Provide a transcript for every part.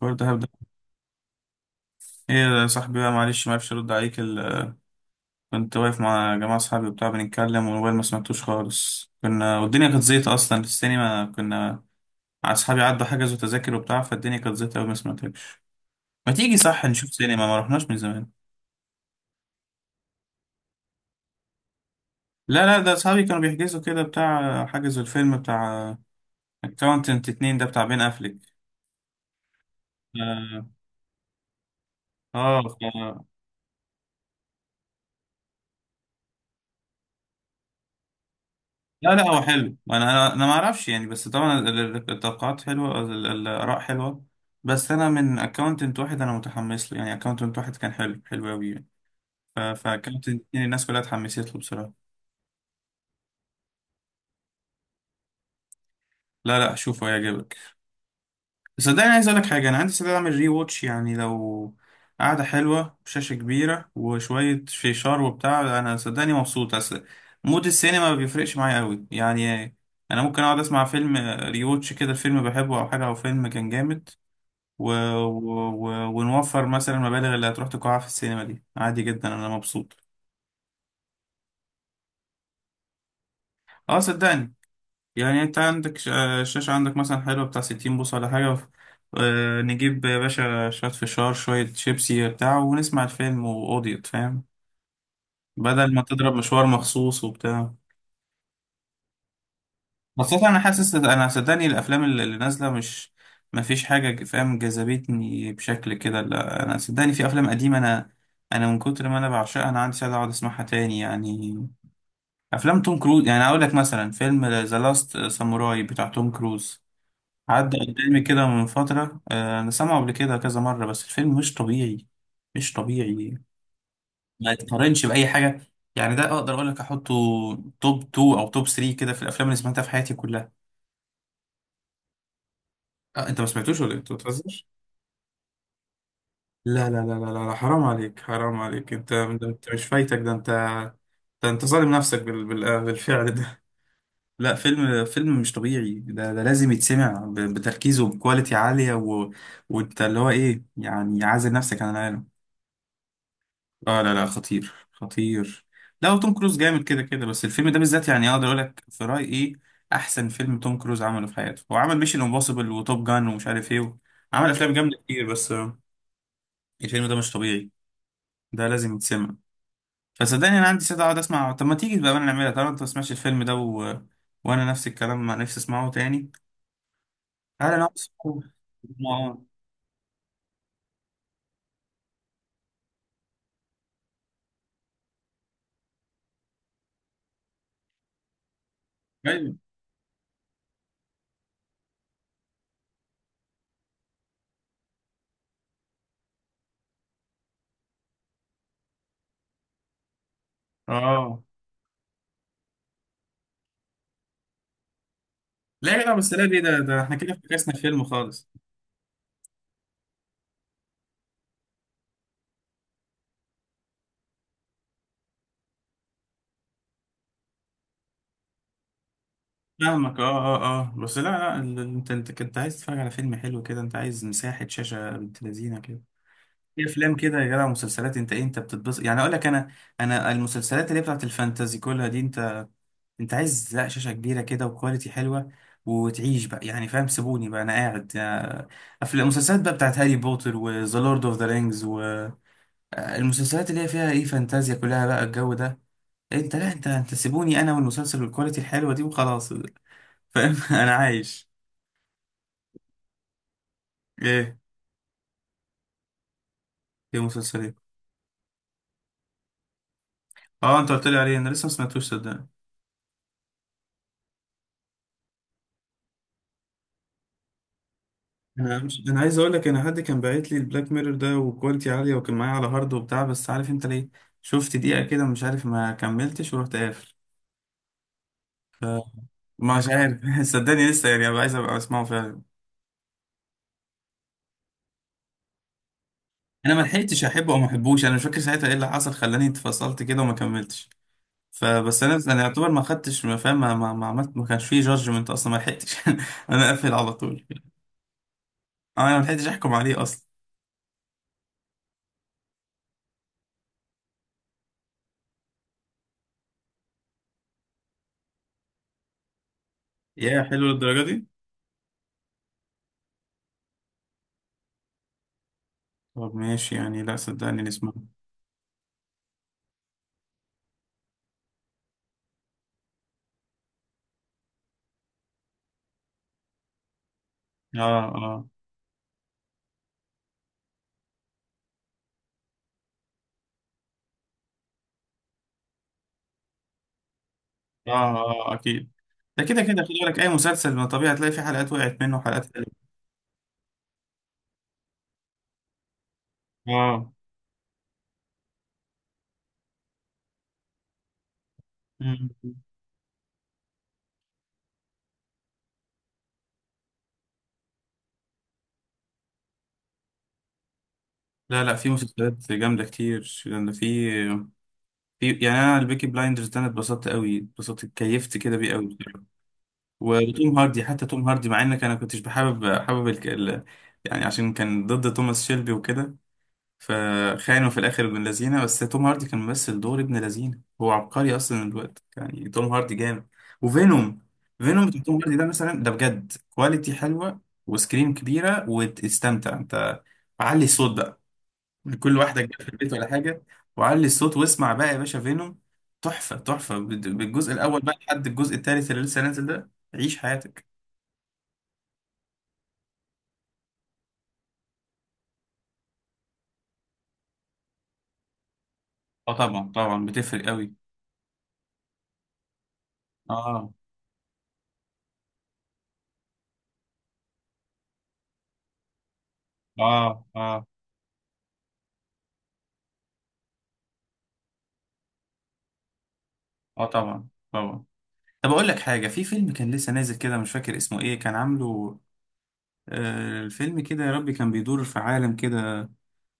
برضه هبدأ. ايه يا صاحبي بقى، معلش معرفش ارد عليك كنت واقف مع جماعة صحابي وبتاع بنتكلم، والموبايل ما سمعتوش خالص. كنا، والدنيا كانت زيطة اصلا، في السينما كنا مع اصحابي، عدوا حجزوا تذاكر وبتاع، فالدنيا كانت زيطة أوي ما سمعتكش. ما تيجي صح نشوف سينما؟ ما رحناش من زمان. لا لا، ده اصحابي كانوا بيحجزوا كده بتاع، حجزوا الفيلم بتاع اكاونتنت اتنين، ده بتاع بين افليك. اه. آه، لا لا، هو حلو. انا انا أنا ما اعرفش يعني، بس طبعا التوقعات حلوه، الاراء حلوه. بس انا من اكونتنت واحد انا متحمس له يعني، اكونتنت واحد كان حلو، حلو قوي. يعني فاكونتنت اتنين الناس كلها اتحمست له بصراحه. لا لا، شوفه هيعجبك. بس صدقني عايز اقول لك حاجه، انا عندي استعداد اعمل ري واتش يعني، لو قعده حلوه شاشه كبيره وشويه فيشار وبتاع، انا صدقني مبسوط. اصل مود السينما ما بيفرقش معايا قوي يعني. انا ممكن اقعد اسمع فيلم ريوتش كده، الفيلم بحبه او حاجه، او فيلم كان جامد و... و... و... ونوفر مثلا المبالغ اللي هتروح تقاعها في السينما، دي عادي جدا، انا مبسوط. اه صدقني. يعني انت عندك الشاشة عندك مثلا حلوة بتاع 60 بوصة ولا حاجة. نجيب يا باشا شوية فشار شوية شيبسي بتاع، ونسمع الفيلم وقضيت فاهم، بدل ما تضرب مشوار مخصوص وبتاع. خاصة أنا حاسس، أنا صدقني الأفلام اللي نازلة مش، ما فيش حاجة فاهم جذبتني بشكل كده. لا أنا صدقني في أفلام قديمة، أنا من كتر ما أنا بعشقها، أنا عندي سعادة أقعد أسمعها تاني يعني. افلام توم كروز، يعني اقول لك مثلا فيلم ذا لاست ساموراي بتاع توم كروز، عدى قدامي كده من فتره. انا سامعه قبل كده كذا مره، بس الفيلم مش طبيعي، مش طبيعي. ما يتقارنش باي حاجه. يعني ده اقدر اقول لك احطه توب 2 او توب 3 كده في الافلام اللي سمعتها في حياتي كلها. أه انت ما سمعتوش ولا إيه؟ انت بتهزر. لا لا لا لا لا لا، حرام عليك، حرام عليك. انت مش فايتك ده. انت ظالم نفسك بالفعل. لا، فيلم مش طبيعي ده لازم يتسمع بتركيز وبكواليتي عالية وانت اللي هو ايه، يعني عازل نفسك عن العالم. اه لا لا، خطير خطير. لا، وتوم كروز جامد كده كده، بس الفيلم ده بالذات يعني اقدر اقول لك في رأيي ايه احسن فيلم توم كروز عمله في حياته. هو عمل ميشن امبوسيبل وتوب جان ومش عارف ايه، عمل افلام جامدة كتير، بس الفيلم ده مش طبيعي. ده لازم يتسمع. فصدقني انا عندي سعادة اقعد اسمع. طب ما تيجي بقى نعملها طالما انت ما سمعتش الفيلم ده؟ وانا نفس الكلام، ما نفسي اسمعه تاني. انا انا أصلاً- آه. ايوه، اه. لا لا بس، لا دي، ده احنا كده فكسنا فيلم خالص. فاهمك، اه اه اه. بس لا لا، انت كنت عايز تتفرج على فيلم حلو كده، انت عايز مساحة شاشة بنت لذينة كده. في افلام كده يا جدع، مسلسلات، انت ايه، انت بتتبسط يعني. اقول لك انا، المسلسلات اللي هي بتاعت الفانتازي كلها دي، انت عايز لا شاشة كبيرة كده وكواليتي حلوة، وتعيش بقى يعني، فاهم. سيبوني بقى انا قاعد. افلام مسلسلات بقى بتاعت هاري بوتر وذا لورد اوف ذا رينجز، المسلسلات اللي هي فيها ايه فانتازيا كلها بقى، الجو ده انت، لا انت سيبوني انا والمسلسل والكواليتي الحلوه دي وخلاص، فاهم. انا عايش. ايه؟ ايه مسلسلات. اه انت قلت لي عليه، انا لسه ما سمعتوش صدقني. انا مش انا عايز اقول لك، انا حد كان باعت لي البلاك ميرور ده وكواليتي عاليه، وكان معايا على هارد وبتاع، بس عارف انت ليه؟ شفت دقيقه كده مش عارف، ما كملتش ورحت قافل. ف مش عارف. صدقني لسه يعني، عايز ابقى اسمعه فعلا. انا ما لحقتش احبه او ما احبوش. انا مش فاكر ساعتها ايه اللي حصل خلاني اتفصلت كده وما كملتش. فبس انا، يعتبر ما خدتش، ما فاهم، ما عملت، ما كانش فيه جادجمنت اصلا، ما لحقتش. انا قافل على طول. انا ما لحقتش احكم عليه اصلا. يا حلو للدرجه دي؟ طب ماشي يعني، لا صدقني نسمع. اه اه اه اه، اكيد. ده كده كده، خلي بالك اي مسلسل ما طبيعي هتلاقي فيه حلقات وقعت منه وحلقات حلوه. اه. مم. لا لا، في مسلسلات جامده كتير. جامده في، يعني انا البيكي بلايندرز ده، انا اتبسطت قوي، اتبسطت اتكيفت كده بيه قوي. وتوم هاردي، حتى توم هاردي، مع انك انا كنتش حابب يعني عشان كان ضد توماس شيلبي وكده، فخانوا في الاخر ابن لذينه. بس توم هاردي كان ممثل دور ابن لذينه، هو عبقري اصلا الوقت، يعني توم هاردي جامد. وفينوم، فينوم بتاع توم هاردي ده مثلا، ده بجد كواليتي حلوه وسكرين كبيره وتستمتع انت. علي الصوت بقى، كل واحده جت في البيت ولا حاجه، وعلي الصوت، واسمع بقى يا باشا فينوم. تحفه، تحفه بالجزء الاول بقى لحد الجزء الثالث اللي لسه نازل ده، عيش حياتك. اه طبعا طبعا، بتفرق قوي. اه اه اه اه، طبعا طبعا. طب اقول لك حاجه، في فيلم كان لسه نازل كده، مش فاكر اسمه ايه كان عامله. الفيلم كده، يا ربي، كان بيدور في عالم كده.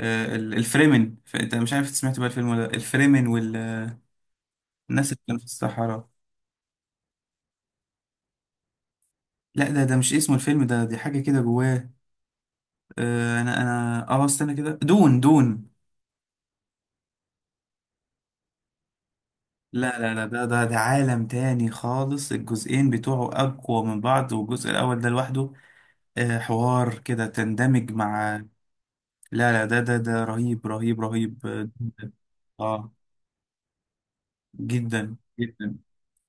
الفريمن، انت مش عارف، سمعت بقى الفيلم ولا لأ؟ الفريمن والناس اللي كانوا في الصحراء. لا ده مش اسمه الفيلم ده، دي حاجه كده جواه. انا استنى كده، دون، دون. لا لا لا، ده عالم تاني خالص. الجزئين بتوعه اقوى من بعض، والجزء الاول ده لوحده حوار كده تندمج مع. لا لا، ده رهيب رهيب رهيب. اه. آه، جدا جدا،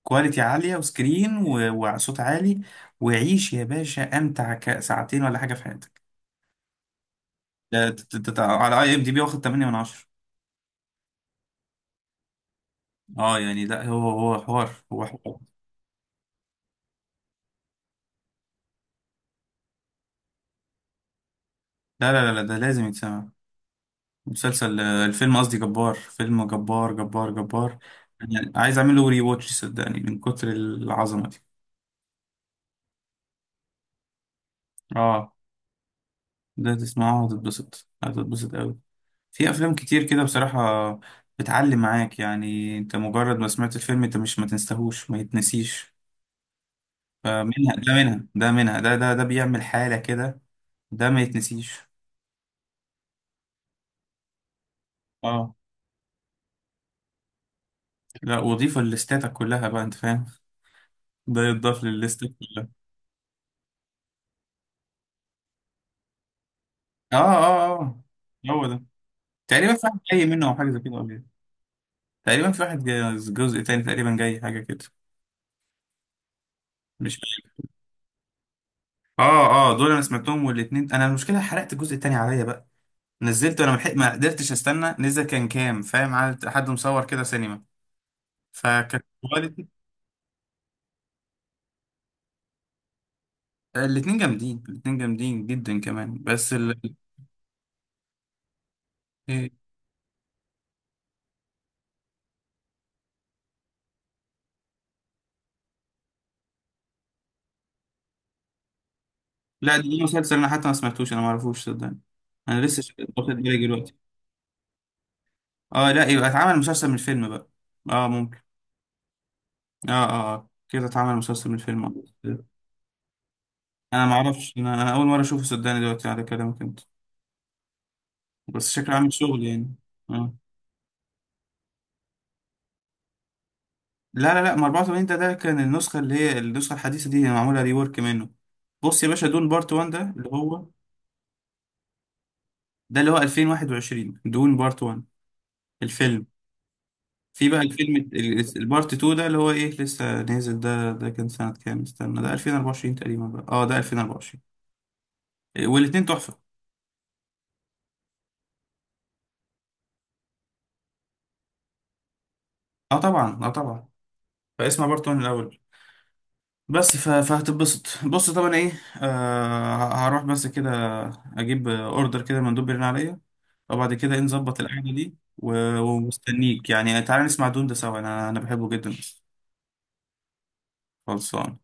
كواليتي عالية وسكرين وصوت عالي، وعيش يا باشا امتع ساعتين ولا حاجة في حياتك. ده ده على اي ام دي بي واخد 8 من 10. اه يعني لا، هو حوار، هو حوار. لا لا لا لا، ده لازم يتسمع. مسلسل، الفيلم قصدي، جبار. فيلم جبار، جبار جبار. يعني عايز اعمل له ري واتش صدقني من كتر العظمة دي. اه. ده تسمعها وتتبسط، هتتبسط قوي. في افلام كتير كده بصراحة بتعلم معاك يعني، انت مجرد ما سمعت الفيلم انت مش ما تنساهوش، ما يتنسيش. فمنها ده، منها ده، منها ده بيعمل حالة كده. ده ما يتنسيش. اه. لا وضيف لستاتك كلها بقى انت، فاهم. ده يتضاف للستات كلها. اه اه اه، هو ده. تقريبا في واحد جاي منه او حاجة زي كده قبل، تقريبا في واحد جزء تاني تقريبا جاي حاجة كده، مش فاكر. اه. اه دول انا سمعتهم، والاتنين انا المشكلة، حرقت الجزء التاني عليا بقى، نزلته انا ملحق ما قدرتش استنى، نزل كان كام فاهم، عاد حد مصور كده سينما، فكانت كواليتي. الاتنين جامدين، الاتنين جامدين جدا كمان، بس إيه. لا ده ليه مسلسل، انا حتى ما سمعتوش، انا ما اعرفوش صدقني. انا لسه واخد بالي دلوقتي. اه، لا يبقى اتعمل مسلسل من الفيلم بقى. اه ممكن. اه اه. آه. كده اتعمل مسلسل من الفيلم. انا ما اعرفش، انا انا اول مره اشوفه صدقني دلوقتي على كلامك انت. بس شكله عامل شغل يعني. اه لا لا لا، ما 84 ده كان النسخة اللي هي النسخة الحديثة دي، هي معمولة ريورك منه. بص يا باشا، دون بارت 1 ده اللي هو، 2021. دون بارت 1 الفيلم. في بقى الفيلم البارت 2 ده اللي هو ايه لسه نازل ده ده كان سنة كام، استنى، ده 2024 تقريبا بقى. اه ده 2024. والاتنين تحفة. اه طبعا اه طبعا. فاسمع بارت 1 الأول بس، فهتتبسط بص طبعا ايه. هروح بس كده اجيب اوردر، كده مندوب بيرن عليا. فبعد كده ايه، نظبط القعدة دي ومستنيك يعني، تعالى نسمع دون ده سوا. انا انا بحبه جدا. خلصان.